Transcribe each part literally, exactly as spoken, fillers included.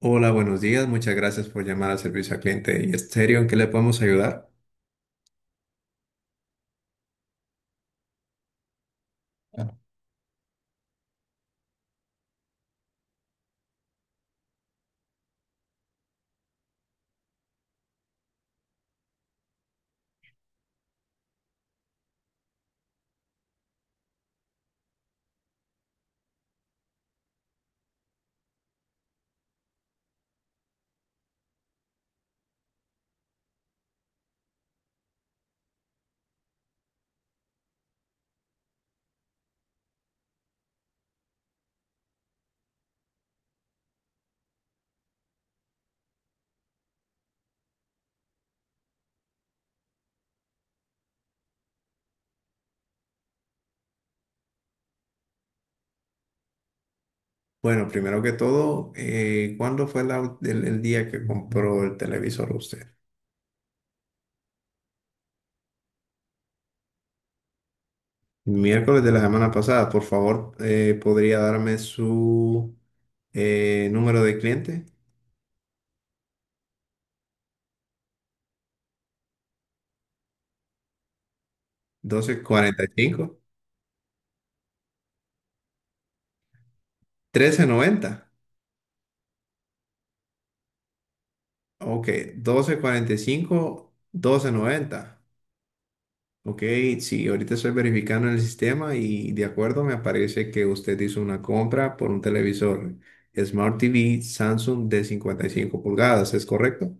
Hola, buenos días. Muchas gracias por llamar al servicio al cliente y Estéreo. ¿En qué le podemos ayudar? Bueno, primero que todo, eh, ¿cuándo fue la ul- el, el día que compró el televisor usted? Miércoles de la semana pasada. Por favor, eh, ¿podría darme su eh, número de cliente? doce cuarenta y cinco. trece noventa. Ok, doce cuarenta y cinco, doce noventa. Ok, sí, ahorita estoy verificando en el sistema y de acuerdo me aparece que usted hizo una compra por un televisor Smart T V Samsung de cincuenta y cinco pulgadas, ¿es correcto?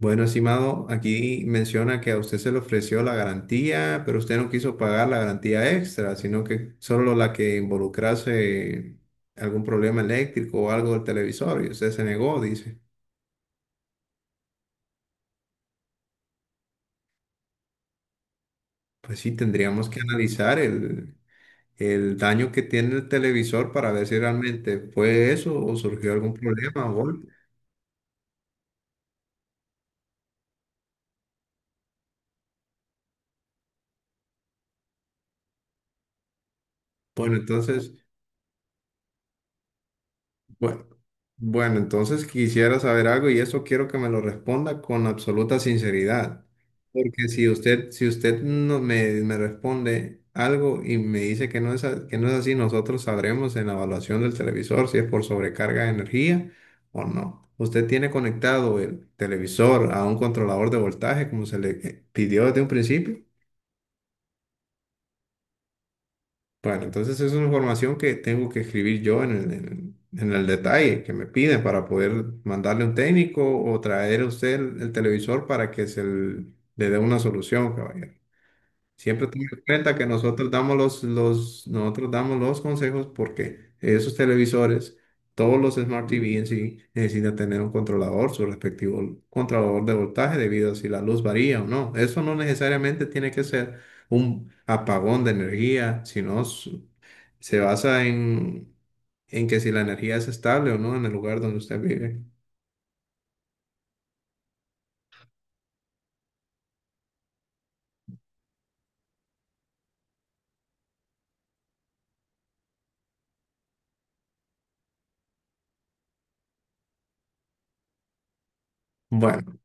Bueno, estimado, aquí menciona que a usted se le ofreció la garantía, pero usted no quiso pagar la garantía extra, sino que solo la que involucrase algún problema eléctrico o algo del televisor y usted se negó, dice. Pues sí, tendríamos que analizar el, el daño que tiene el televisor para ver si realmente fue eso o surgió algún problema o golpe. Bueno, entonces, bueno, bueno, entonces quisiera saber algo y eso quiero que me lo responda con absoluta sinceridad. Porque si usted, si usted no me, me responde algo y me dice que no es, a- que no es así, nosotros sabremos en la evaluación del televisor si es por sobrecarga de energía o no. Usted tiene conectado el televisor a un controlador de voltaje como se le eh, pidió desde un principio. Bueno, entonces es una información que tengo que escribir yo en el, en- en el detalle que me piden para poder mandarle un técnico o traer a usted el, el televisor para que se l- le dé una solución, caballero. Siempre ten en cuenta que nosotros damos los, los, nosotros damos los consejos porque esos televisores, todos los Smart T V en sí, necesitan tener un controlador, su respectivo controlador de voltaje debido a si la luz varía o no. Eso no necesariamente tiene que ser un apagón de energía, sino s- se basa en, en que si la energía es estable o no en el lugar donde usted vive. Bueno.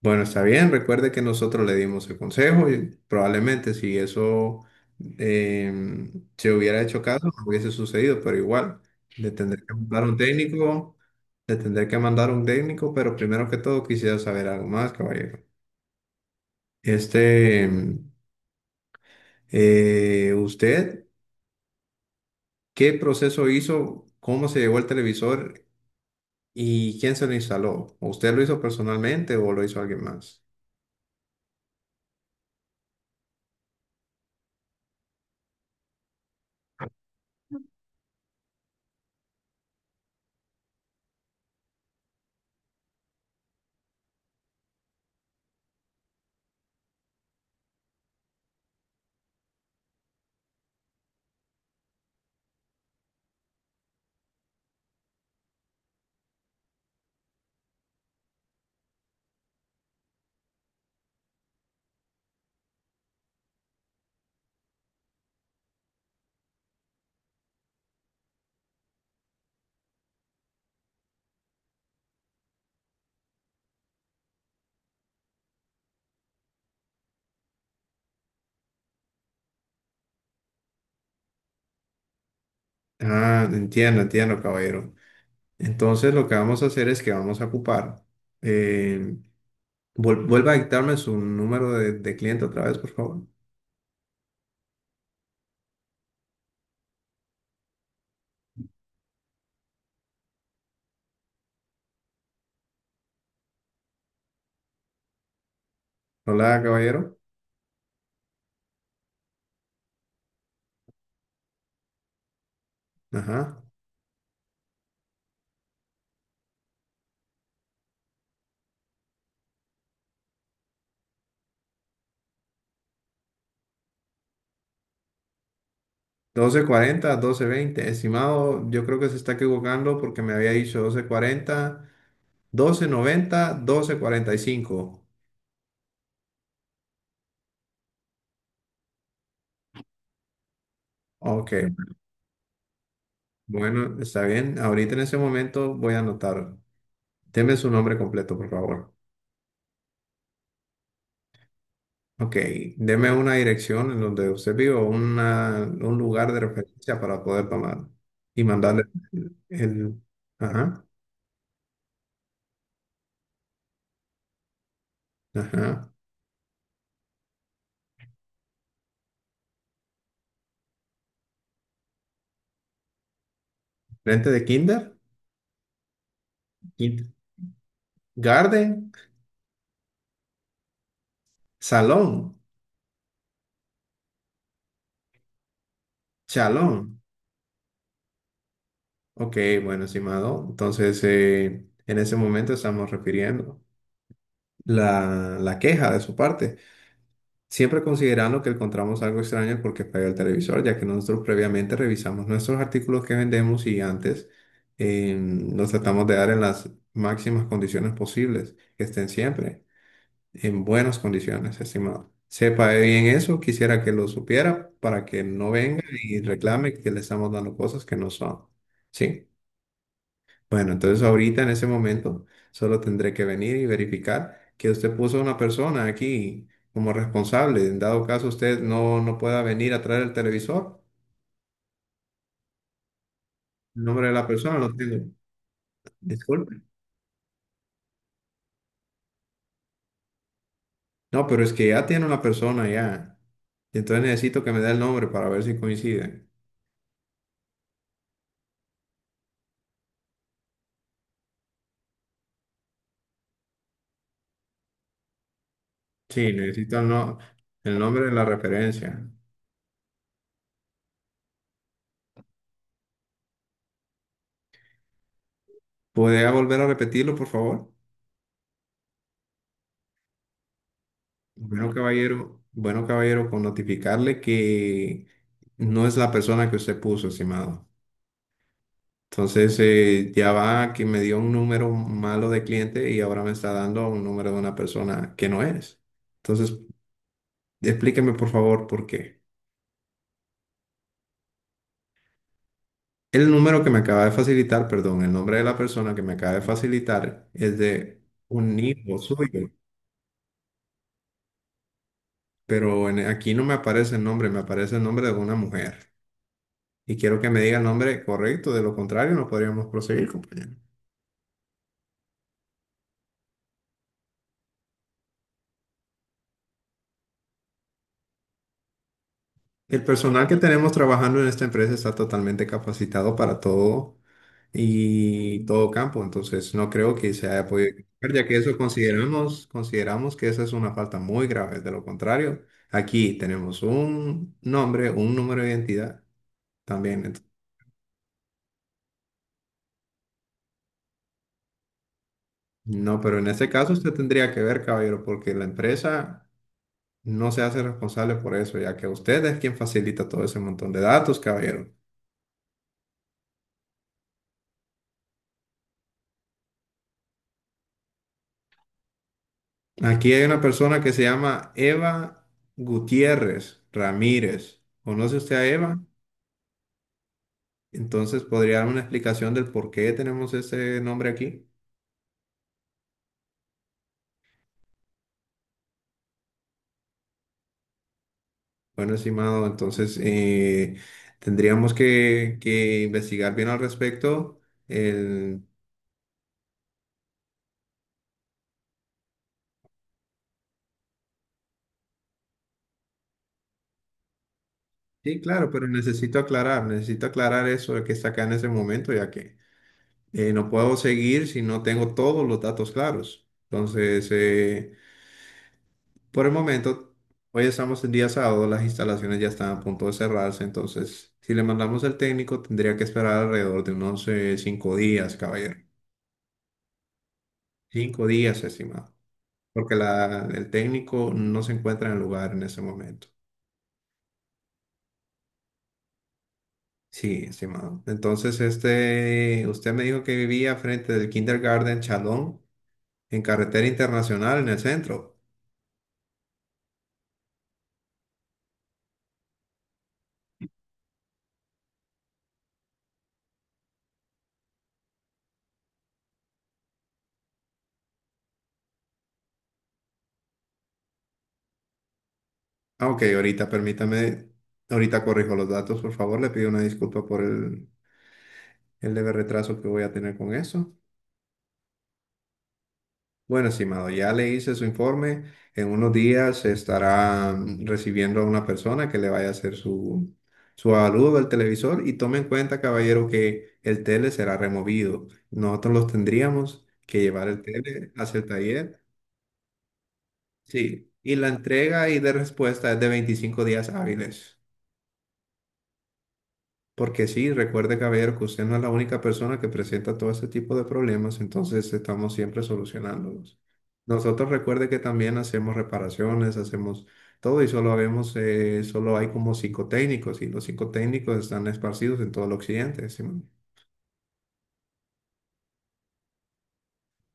Bueno, está bien, recuerde que nosotros le dimos el consejo y probablemente si eso em, se hubiera hecho caso, no hubiese sucedido, pero igual, le tendré que mandar un técnico, le tendré que mandar un técnico, pero primero que todo quisiera saber algo más, caballero. Este, em, eh, ¿Usted qué proceso hizo? ¿Cómo se llevó el televisor y quién se lo instaló? ¿Usted lo hizo personalmente o lo hizo alguien más? Ah, entiendo, entiendo, caballero. Entonces lo que vamos a hacer es que vamos a ocupar. eh, vuel- vuelva a dictarme su número de, de cliente otra vez, por favor. Hola, caballero. Ajá. Doce cuarenta, doce veinte, estimado, yo creo que se está equivocando porque me había dicho doce doce doce cuarenta, noventa, doce cuarenta y cinco. Ok. Bueno, está bien. Ahorita en ese momento voy a anotar. Deme su nombre completo, por favor. Ok, deme una dirección en donde usted vive o una- un lugar de referencia para poder tomar y mandarle el, el- ajá, ajá. Frente de kinder, kit- garden, salón, chalón. Ok, bueno, estimado. Entonces, eh, en ese momento estamos refiriendo la, la queja de su parte. Siempre considerando que encontramos algo extraño porque falló el televisor, ya que nosotros previamente revisamos nuestros artículos que vendemos y antes eh, los tratamos de dar en las máximas condiciones posibles, que estén siempre en buenas condiciones, estimado. Sepa bien eso, quisiera que lo supiera para que no venga y reclame que le estamos dando cosas que no son. Sí. Bueno, entonces ahorita en ese momento solo tendré que venir y verificar que usted puso a una persona aquí como responsable. En dado caso usted no, no pueda venir a traer el televisor, el nombre de la persona lo tengo. Disculpe. No, pero es que ya tiene una persona ya. Y entonces necesito que me dé el nombre para ver si coincide. Sí, necesito el, no- el nombre de la referencia. ¿Podría volver a repetirlo, por favor? Bueno, caballero, bueno, caballero, con notificarle que no es la persona que usted puso, estimado. Entonces, eh, ya va que me dio un número malo de cliente y ahora me está dando un número de una persona que no es. Entonces, explíqueme por favor por qué. El número que me acaba de facilitar, perdón, el nombre de la persona que me acaba de facilitar es de un hijo suyo, pero en- aquí no me aparece el nombre, me aparece el nombre de una mujer. Y quiero que me diga el nombre correcto, de lo contrario no podríamos proseguir, compañero. El personal que tenemos trabajando en esta empresa está totalmente capacitado para todo y todo campo, entonces no creo que se haya podido equivocar, ya que eso consideramos, consideramos que esa es una falta muy grave. De lo contrario, aquí tenemos un nombre, un número de identidad también. ent- No, pero en este caso usted tendría que ver, caballero, porque la empresa no se hace responsable por eso, ya que usted es quien facilita todo ese montón de datos, caballero. Aquí hay una persona que se llama Eva Gutiérrez Ramírez. ¿Conoce usted a Eva? Entonces, ¿podría dar una explicación del por qué tenemos ese nombre aquí? Bueno, estimado, entonces eh, tendríamos que, que investigar bien al respecto. El... Sí, claro, pero necesito aclarar, necesito aclarar eso de que está acá en ese momento, ya que eh, no puedo seguir si no tengo todos los datos claros. Entonces, eh, por el momento, hoy estamos en día sábado, las instalaciones ya están a punto de cerrarse, entonces si le mandamos al técnico tendría que esperar alrededor de unos eh, cinco días, caballero. Cinco días, estimado, porque la, el técnico no se encuentra en el lugar en ese momento. Sí, estimado. Entonces, este, usted me dijo que vivía frente del Kindergarten Chalón, en carretera internacional, en el centro. Ah, ok, ahorita permítame, ahorita corrijo los datos, por favor, le pido una disculpa por el el leve retraso que voy a tener con eso. Bueno, estimado, ya le hice su informe. En unos días estará mm, recibiendo a una persona que le vaya a hacer su, su avalúo del televisor y tome en cuenta, caballero, que el tele será removido. Nosotros los tendríamos que llevar el tele hacia el taller. Sí, y la entrega y de respuesta es de veinticinco días hábiles. Porque sí, recuerde, caballero, que usted no es la única persona que presenta todo ese tipo de problemas, entonces estamos siempre solucionándolos. Nosotros recuerde que también hacemos reparaciones, hacemos todo y solo habemos, eh, solo hay como psicotécnicos y los psicotécnicos están esparcidos en todo el occidente. ¿Sí?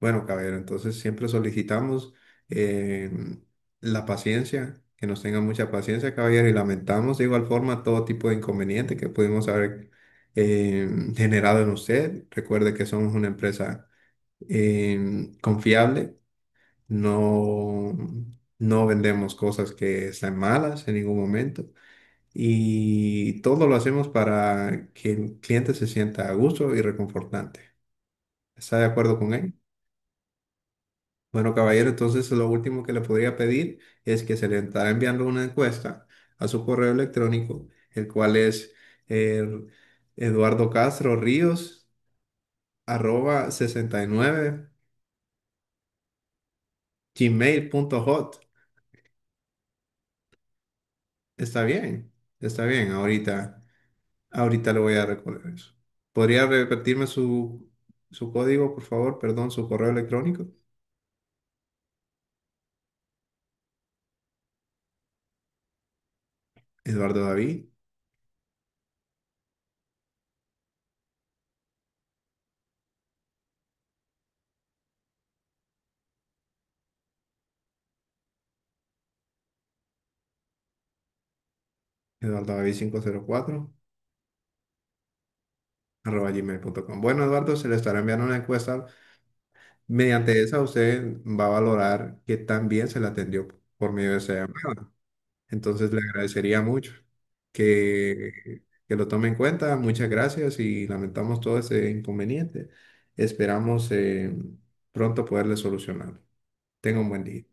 Bueno, caballero, entonces siempre solicitamos eh, la paciencia, que nos tengan mucha paciencia, caballero, y lamentamos de igual forma todo tipo de inconveniente que pudimos haber eh, generado en usted. Recuerde que somos una empresa eh, confiable, no, no vendemos cosas que están malas en ningún momento y todo lo hacemos para que el cliente se sienta a gusto y reconfortante. ¿Está de acuerdo con él? Bueno, caballero, entonces lo último que le podría pedir es que se le estará enviando una encuesta a su correo electrónico, el cual es eh, Eduardo Castro Ríos arroba sesenta y nueve gmail punto hot. Está bien, está bien. Ahorita, ahorita le voy a recordar eso. ¿Podría repetirme su, su código, por favor? Perdón, su correo electrónico. Eduardo David, Eduardo David quinientos cuatro arroba gmail punto com. Bueno, Eduardo, se le estará enviando una encuesta. Mediante esa usted va a valorar que tan bien se la atendió por medio de esa llamada. Entonces le agradecería mucho que, que lo tome en cuenta. Muchas gracias y lamentamos todo ese inconveniente. Esperamos eh, pronto poderle solucionar. Tenga un buen día.